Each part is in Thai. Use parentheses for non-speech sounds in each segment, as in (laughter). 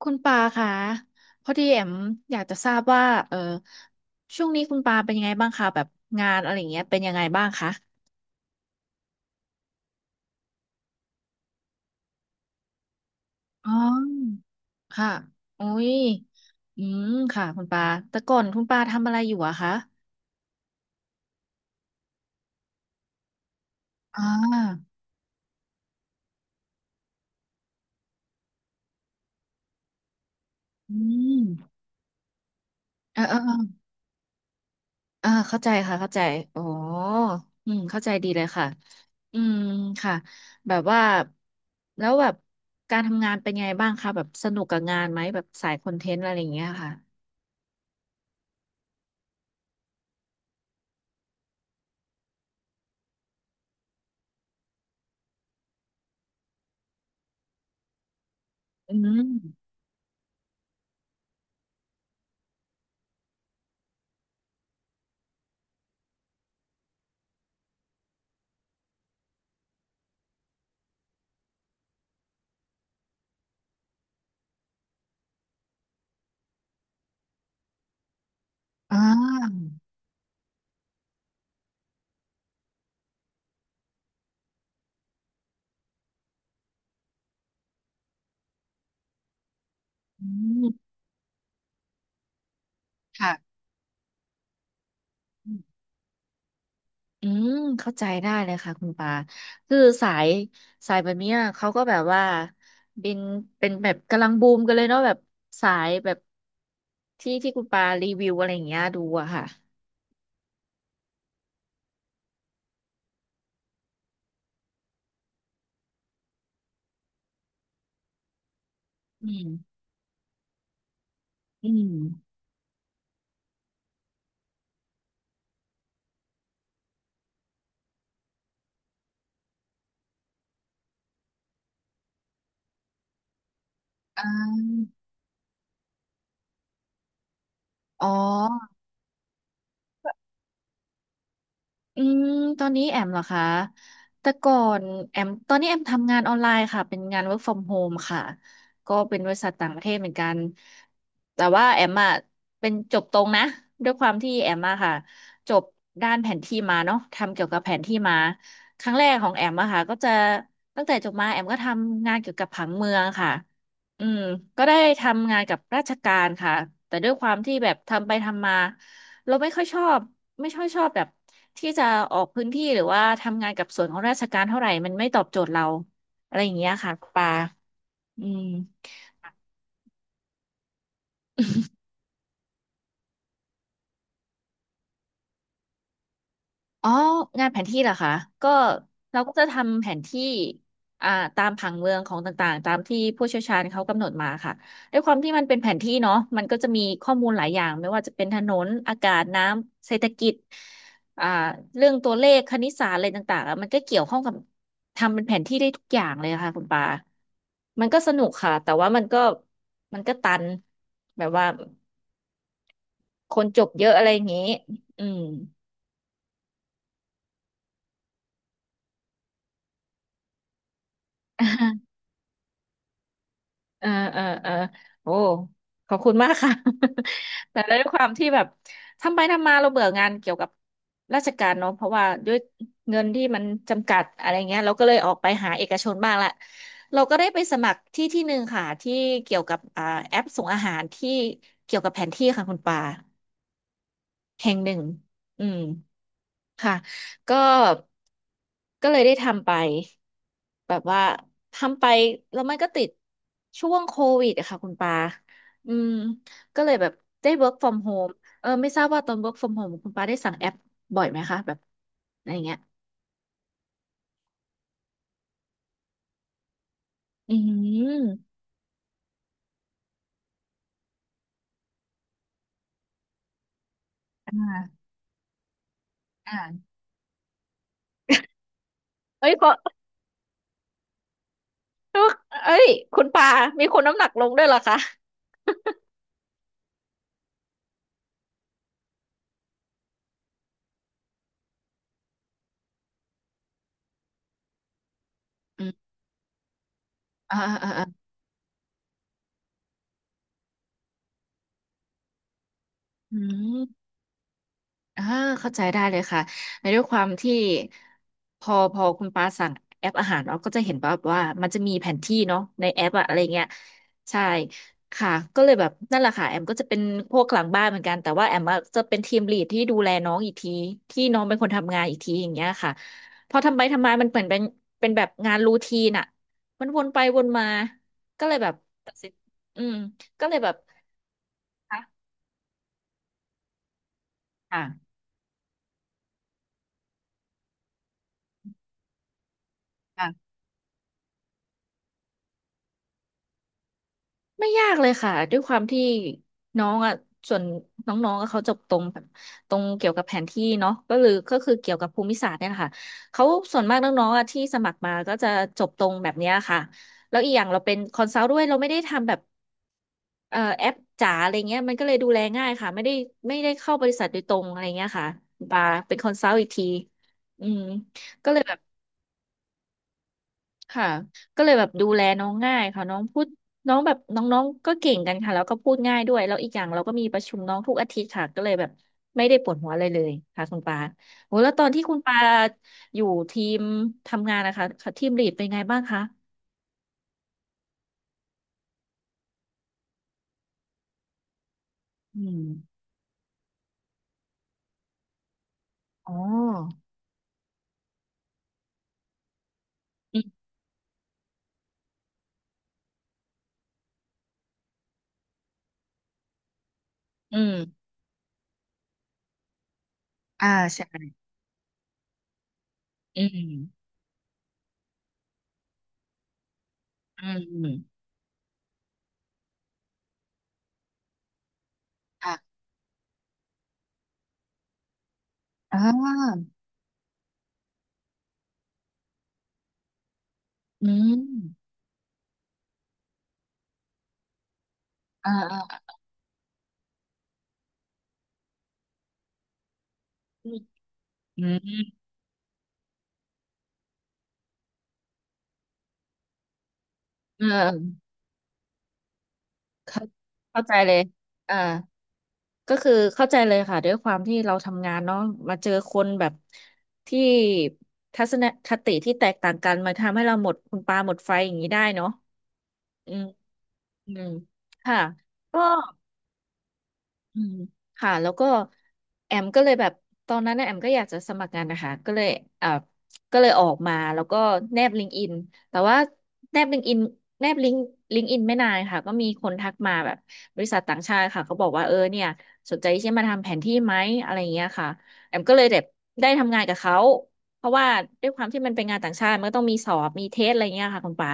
คุณปาคะพอดีแอมอยากจะทราบว่าเออช่วงนี้คุณปาเป็นยังไงบ้างคะแบบงานอะไรอย่างเงี้ยเป็นยังไงบ้างคะอ๋อค่ะอุ้ยอืมค่ะคุณปาแต่ก่อนคุณปาทำอะไรอยู่อะคะอ่าอืมเออเออเอออ่าเข้าใจค่ะเข้าใจอ๋ออืมเข้าใจดีเลยค่ะอืมค่ะแบบว่าแล้วแบบการทำงานเป็นไงบ้างคะแบบสนุกกับงานไหมแบบสายคอนเทนต์อะไรอย่างเงี้ยค่ะอืม อ่าอืมค่ะอืม เข้าใจได้เลยค่ะคุณปา คือสายแบบเนี้ยเขาก็แบบว่าเป็นเป็นแบบกำลังบูมกันเลยเนาะแบบสายแบบที่คุณปารีวิวอะไรอย่างเงี้ยดูอะค่ะ อืม อืม อ๋อ อืมตอนนี้แอมเหรอคะแต่ก่อนแอมตอนนี้แอมทำงานออนไลน์ค่ะเป็นงาน work from home ค่ะก็เป็นบริษัทต่างประเทศเหมือนกันแต่ว่าแอมอะเป็นจบตรงนะด้วยความที่แอมอะค่ะจบด้านแผนที่มาเนาะทำเกี่ยวกับแผนที่มาครั้งแรกของแอมอะค่ะก็จะตั้งแต่จบมาแอมก็ทำงานเกี่ยวกับผังเมืองค่ะอืมก็ได้ทำงานกับราชการค่ะแต่ด้วยความที่แบบทำไปทำมา เราไม่ค่อยชอบไม่ค่อยชอบแบบที่จะออกพื้นที่หรือว่าทำงานกับส่วนของราชการเท่าไหร่มันไม่ตอบโจทย์เราอะไรอย่างเงี้ยค่ะปาอืม อ๋องานแผนที่เหรอคะก็เราก็จะทำแผนที่อ่าตามผังเมืองของต่างๆตามที่ผู้เชี่ยวชาญเขากำหนดมาค่ะด้วยความที่มันเป็นแผนที่เนาะมันก็จะมีข้อมูลหลายอย่างไม่ว่าจะเป็นถนนอากาศน้ำเศรษฐกิจอ่าเรื่องตัวเลขคณิตศาสตร์อะไรต่างๆอะมันก็เกี่ยวข้องกับทำเป็นแผนที่ได้ทุกอย่างเลยค่ะคุณปามันก็สนุกค่ะแต่ว่ามันก็ตันแบบว่าคนจบเยอะอะไรอย่างนี้อืม เออเออเออโอ้ขอบคุณมากค่ะ (laughs) แต่ด้วยความที่แบบทำไปทำมาเราเบื่องานเกี่ยวกับราชการเนาะเพราะว่าด้วยเงินที่มันจำกัดอะไรเงี้ยเราก็เลยออกไปหาเอกชนบ้างละเราก็ได้ไปสมัครที่หนึ่งค่ะที่เกี่ยวกับอ่าแอปส่งอาหารที่เกี่ยวกับแผนที่ค่ะคุณปาแห่งหนึ่งอืม ค่ะก็ก็เลยได้ทำไป แบบว่า ทำไป แล้วมันก็ติดช่วงโควิดอะค่ะคุณปาอืมก็เลยแบบได้ work from home เออไม่ทราบว่าตอน work from home คุณปาได้สั่งแอปบ่อยไหมคะแบบอะไรเงี้ยอืมอ่าอ่าเอ้ยขอเอ้ย คุณปามีคนน้ำหนักลงด้วยเหรอคะอืมอ่าอ่าอ่าอืม อ่าเข้าใจได้เลยค่ะในด้วยความที่พอคุณปาสั่งแอปอาหารเราก็จะเห็นแบบว่ามันจะมีแผนที่เนาะในแอปอะอะไรเงี้ยใช่ค่ะก็เลยแบบนั่นแหละค่ะแอมก็จะเป็นพวกหลังบ้านเหมือนกันแต่ว่าแอมอะจะเป็นทีมลีดที่ดูแลน้องอีกทีที่น้องเป็นคนทำงานอีกทีอย่างเงี้ยค่ะพอทำไปทำมามันเหมือนเป็นแบบงานรูทีนอะมันวนไปวนมาก็เลยแบบอืมก็เลยแบบค่ะค่ะ ไม่ยากเลยค่ะด้วยความที่น้องอ่ะส่วนน้องๆอะเขาจบตรงแบบตรงเกี่ยวกับแผนที่เนาะก็เลยก็คือเกี่ยวกับภูมิศาสตร์เนี่ยแหละค่ะเขาส่วนมากน้องๆอ่ะที่สมัครมาก็จะจบตรงแบบเนี้ยค่ะแล้วอีกอย่างเราเป็นคอนซัลท์ด้วยเราไม่ได้ทำแบบแอปจ๋าอะไรเงี้ยมันก็เลยดูแลง่ายค่ะไม่ได้เข้าบริษัทโดยตรงอะไรเงี้ยค่ะมาเป็นคอนซัลท์อีกทีอืม ค่ะก็เลยแบบดูแลน้องง่ายค่ะน้องพูดน้องแบบน้องๆก็เก่งกันค่ะแล้วก็พูดง่ายด้วยแล้วอีกอย่างเราก็มีประชุมน้องทุกอาทิตย์ค่ะก็เลยแบบไม่ได้ปวดหัวอะไรเลยค่ะคุณปาโหแล้วตอนที่คุณปาอยู่ทีมทำงานนะคะค่ะทีมลีดเป็นไงบ้างคะอืมอ๋ออืมอืมอ่าใช่อืมอืมอืมค่ะอ่าอืมอ่าอ่าอืมอืมเออเข้าเข้าใจเลยอ่า ก็คือเข้าใจเลยค่ะด้วยความที่เราทำงานเนาะมาเจอคนแบบที่ทัศนคติที่แตกต่างกันมาทำให้เราหมดคุณปลาหมดไฟอย่างนี้ได้เนาะอืมอืมค่ะก็ อืมค่ะแล้วก็แอมก็เลยแบบตอนนั้นนะแอมก็อยากจะสมัครงานนะคะก็เลยเอ่าก็เลยออกมาแล้วก็แนบลิงก์อินแต่ว่าแนบลิงก์อินแนบลิงก์ลิงก์อินไม่นานค่ะก็มีคนทักมาแบบบริษัทต่างชาติค่ะเขาบอกว่าเออเนี่ยสนใจที่จะมาทำแผนที่ไหมอะไรอย่างเงี้ยค่ะแอมก็เลยแบบได้ทำงานกับเขาเพราะว่าด้วยความที่มันเป็นงานต่างชาติมันก็ต้องมีสอบมีเทสอะไรเงี้ยค่ะคุณปา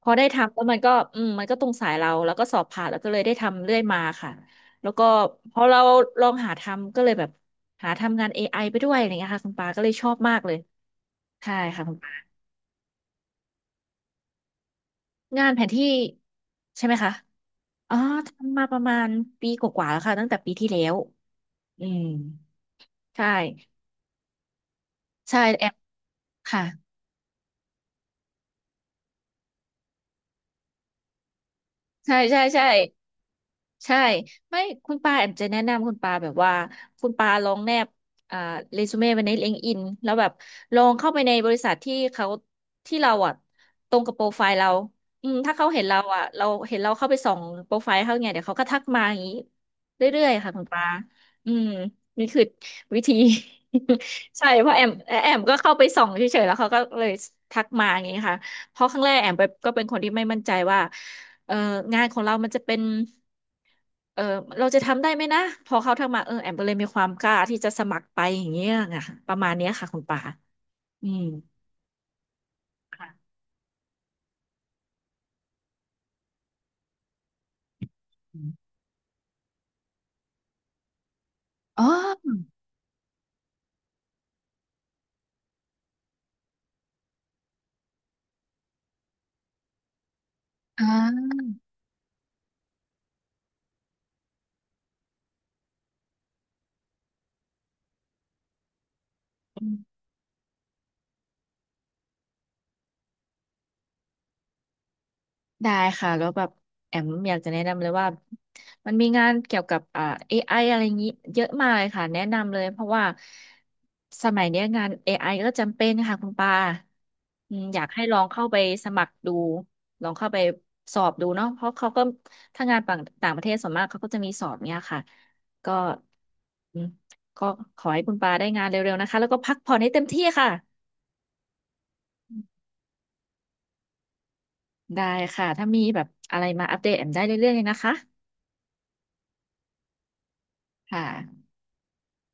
พอได้ทำแล้วมันก็มันก็ตรงสายเราแล้วก็สอบผ่านแล้วก็เลยได้ทำเรื่อยมาค่ะ แล้วก็พอเราลองหาทำก็เลยแบบหาทำงาน AI ไอไปด้วยอะไรเงี้ยค่ะคุณปาก็เลยชอบมากเลยใช่ค่ะคุณปางานแผนที่ใช่ไหมคะอ๋อทำมาประมาณปีกว่าๆแล้วค่ะตั้งแต่ปีที่แล้วอืมใช่ใช่แอมค่ะใช่ใช่ใช่ ใช่ไม่คุณปาแอมจะแนะนำคุณปาแบบว่าคุณปาลองแนบอ่าเรซูเม่ไว้ใน l i ง k e d n แล้วแบบลองเข้าไปในบริษัทที่เขาที่เราอ่ะตรงกับโปรไฟล์เราอืมถ้าเขาเห็นเราอ่ะเราเข้าไปส่องโปรไฟล์เขาไงเดี๋ยวเขาก็ทักมาอย่างนี้เรื่อยๆค่ะคุณปาอืมนี่คือวิธี (laughs) ใช่เพราะแอมก็เข้าไปส่องเฉยๆแล้วเขาก็เลยทักมาอย่างนี้ค่ะเพราะครั้งแรกแอมไปก็เป็นคนที่ไม่มั่นใจว่าเอองานของเรามันจะเป็น เออเราจะทำได้ไหมนะพอเขาทักมาแอมก็เลยมีความกล้าที่จะสมัครไปอย่างเงี้ยไงประมาณเนี้ยค่ะคุณป่าอืมค่ะอมอ๋ออ่า ได้ค่ะแล้วแบบแอมอยากจะแนะนำเลยว่ามันมีงานเกี่ยวกับAI อไออะไรอย่างนี้เยอะมากเลยค่ะแนะนำเลยเพราะว่าสมัยเนี้ยงาน AI ก็จำเป็นค่ะคุณปาอืมอยากให้ลองเข้าไปสมัครดูลองเข้าไปสอบดูเนาะเพราะเขาก็ถ้างานต่างต่างประเทศส่วนมากเขาก็จะมีสอบเนี้ยค่ะก็อืมก็ขอให้คุณปาได้งานเร็วๆนะคะแล้วก็พักผ่อนให้เต็มที่ค่ะได้ค่ะถ้ามีแบบอะไรมาอัปเดตแอมได้เรื่อยๆเลยนะคะค่ะ